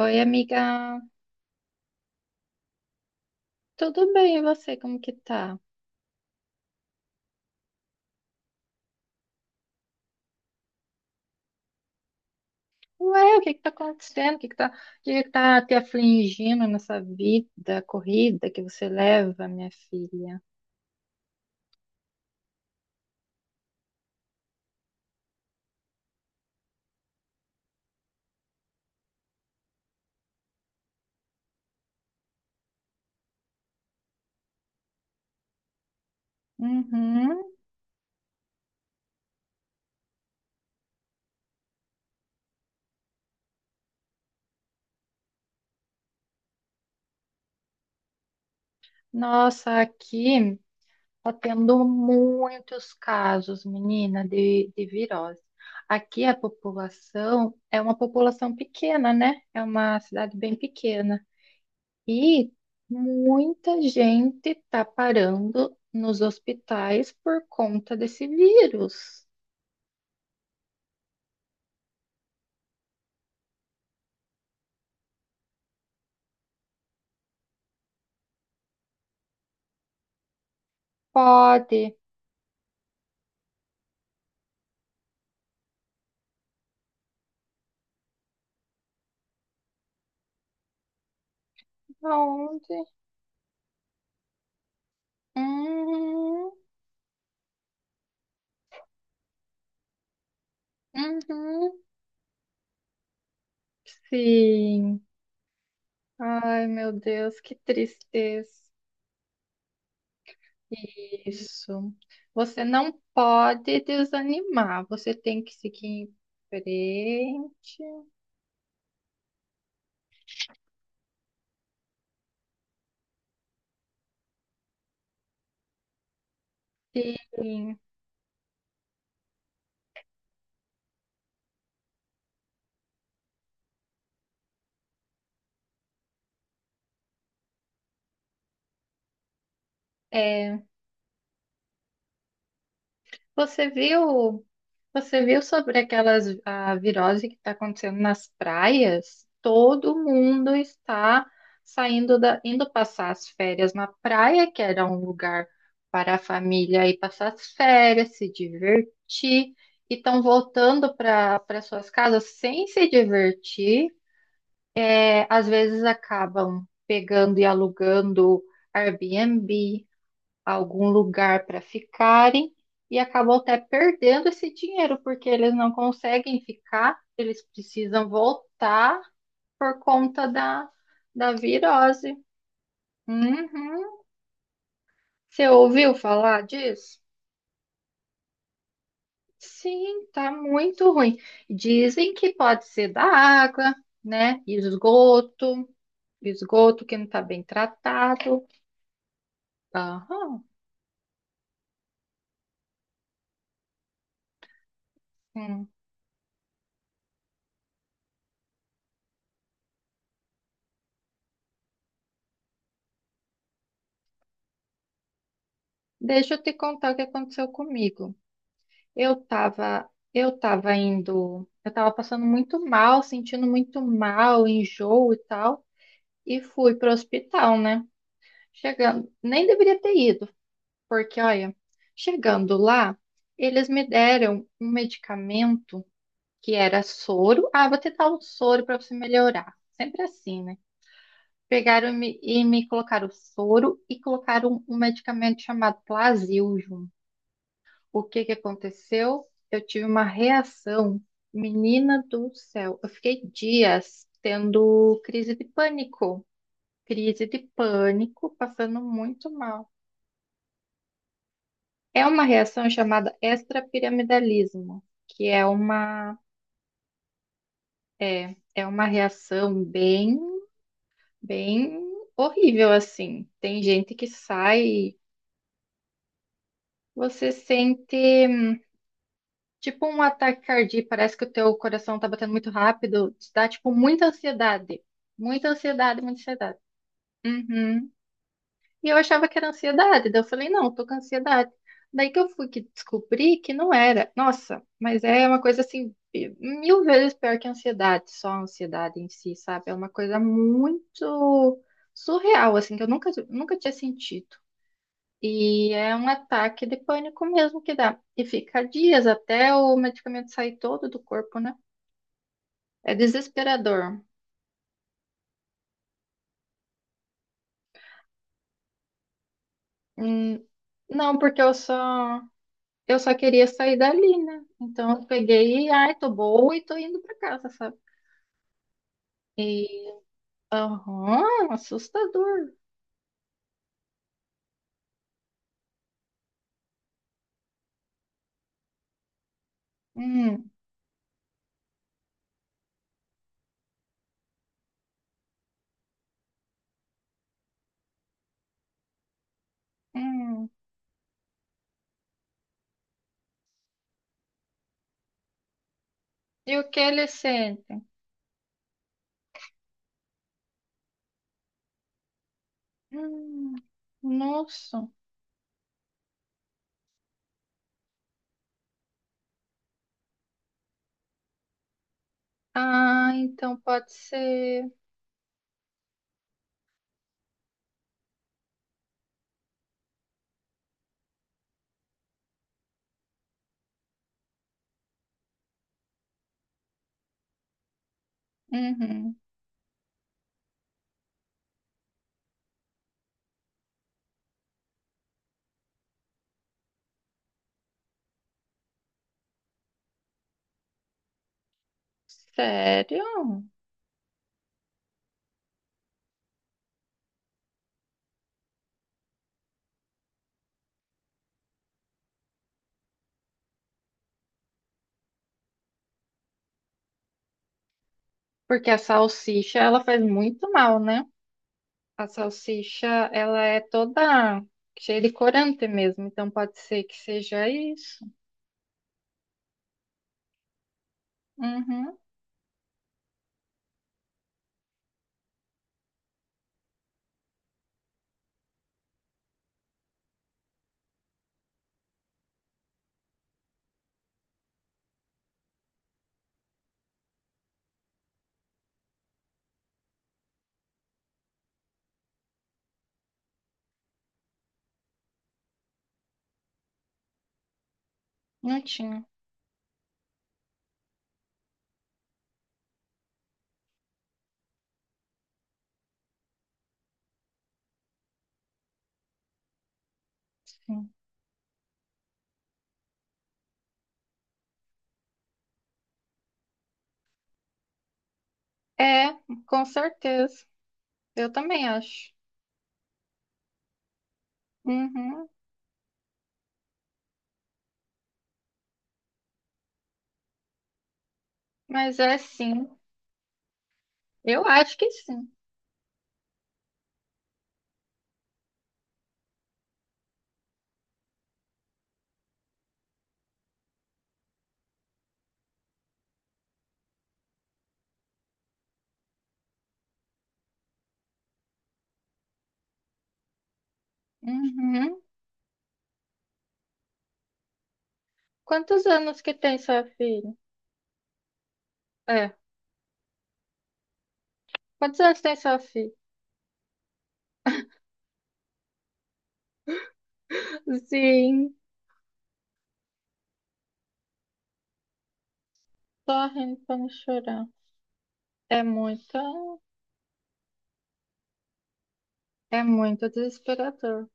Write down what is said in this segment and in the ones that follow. Oi, amiga. Tudo bem, e você? Como que tá? Ué, o que que tá acontecendo? O que que tá, o que que tá te afligindo nessa vida corrida que você leva, minha filha? Uhum. Nossa, aqui tá tendo muitos casos, menina, de virose. Aqui a população é uma população pequena, né? É uma cidade bem pequena. E muita gente está parando nos hospitais por conta desse vírus. Pode. Aonde? Uhum, uhum, sim. Ai, meu Deus, que tristeza. Isso. Você não pode desanimar. Você tem que seguir em frente. Sim. É. Você viu? Você viu sobre aquelas a virose que está acontecendo nas praias? Todo mundo está saindo da, indo passar as férias na praia, que era um lugar para a família ir passar as férias, se divertir, e estão voltando para suas casas sem se divertir. É, às vezes acabam pegando e alugando Airbnb algum lugar para ficarem e acabam até perdendo esse dinheiro, porque eles não conseguem ficar, eles precisam voltar por conta da, da virose. Uhum. Você ouviu falar disso? Sim, tá muito ruim. Dizem que pode ser da água, né? Esgoto, esgoto que não tá bem tratado. Aham. Hum. Deixa eu te contar o que aconteceu comigo. Eu tava indo, eu tava passando muito mal, sentindo muito mal, enjoo e tal, e fui pro hospital, né? Chegando, nem deveria ter ido, porque olha, chegando lá, eles me deram um medicamento que era soro. Ah, vou tentar o soro para você melhorar. Sempre assim, né? Pegaram e me colocaram soro e colocaram um medicamento chamado Plasil junto. O que que aconteceu? Eu tive uma reação, menina do céu. Eu fiquei dias tendo crise de pânico, passando muito mal. É uma reação chamada extrapiramidalismo, que é uma é, é uma reação bem horrível assim. Tem gente que sai, você sente tipo um ataque cardíaco, parece que o teu coração tá batendo muito rápido, te dá tipo muita ansiedade. Muita ansiedade, muita ansiedade. Uhum. E eu achava que era ansiedade, daí eu falei, não, tô com ansiedade. Daí que eu fui que descobri que não era. Nossa, mas é uma coisa assim, mil vezes pior que a ansiedade, só a ansiedade em si, sabe? É uma coisa muito surreal, assim, que eu nunca tinha sentido. E é um ataque de pânico mesmo que dá. E fica dias até o medicamento sair todo do corpo, né? É desesperador. Hum, não, porque eu só queria sair dali, né? Então eu peguei e ai, tô boa e tô indo pra casa, sabe? E aham, assustador. Hum, hum. E o que eles sentem? Hum, nossa. Ah, então pode ser. Uhum. Sério? Porque a salsicha, ela faz muito mal, né? A salsicha, ela é toda cheia de corante mesmo, então pode ser que seja isso. Uhum, não tinha. Sim. É, com certeza. Eu também acho. Uhum, mas é sim. Eu acho que sim. Uhum. Quantos anos que tem sua filha? É, quantos anos tem sua filha? Sim, só rindo pra não chorar. É muito, é muito desesperador.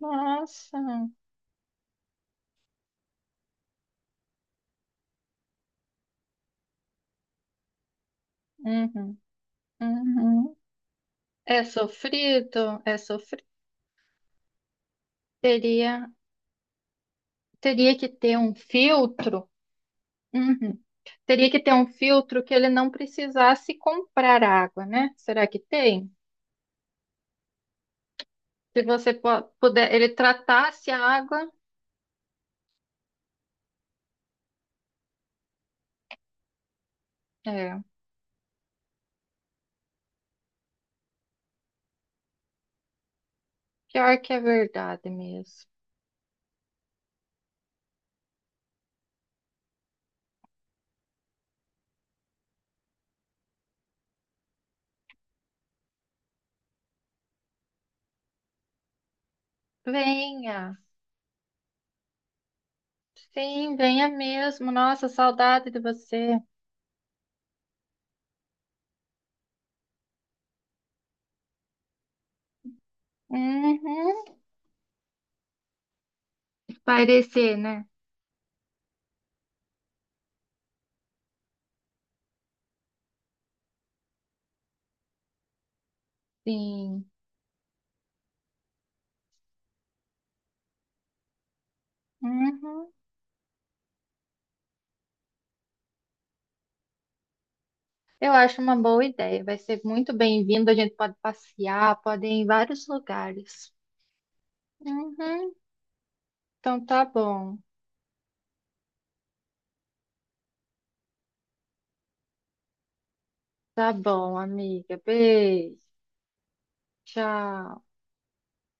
Nossa. Uhum, uhum. É sofrido, é sofrido. Teria, teria que ter um filtro. Uhum. Teria que ter um filtro que ele não precisasse comprar água, né? Será que tem? Se você po- puder, ele tratasse a água. É, pior que é verdade mesmo. Venha. Sim, venha mesmo. Nossa, saudade de você. Uhum. Parecer, né? Sim. Uhum. Eu acho uma boa ideia. Vai ser muito bem-vindo. A gente pode passear, pode ir em vários lugares. Uhum. Então tá bom. Tá bom, amiga. Beijo. Tchau.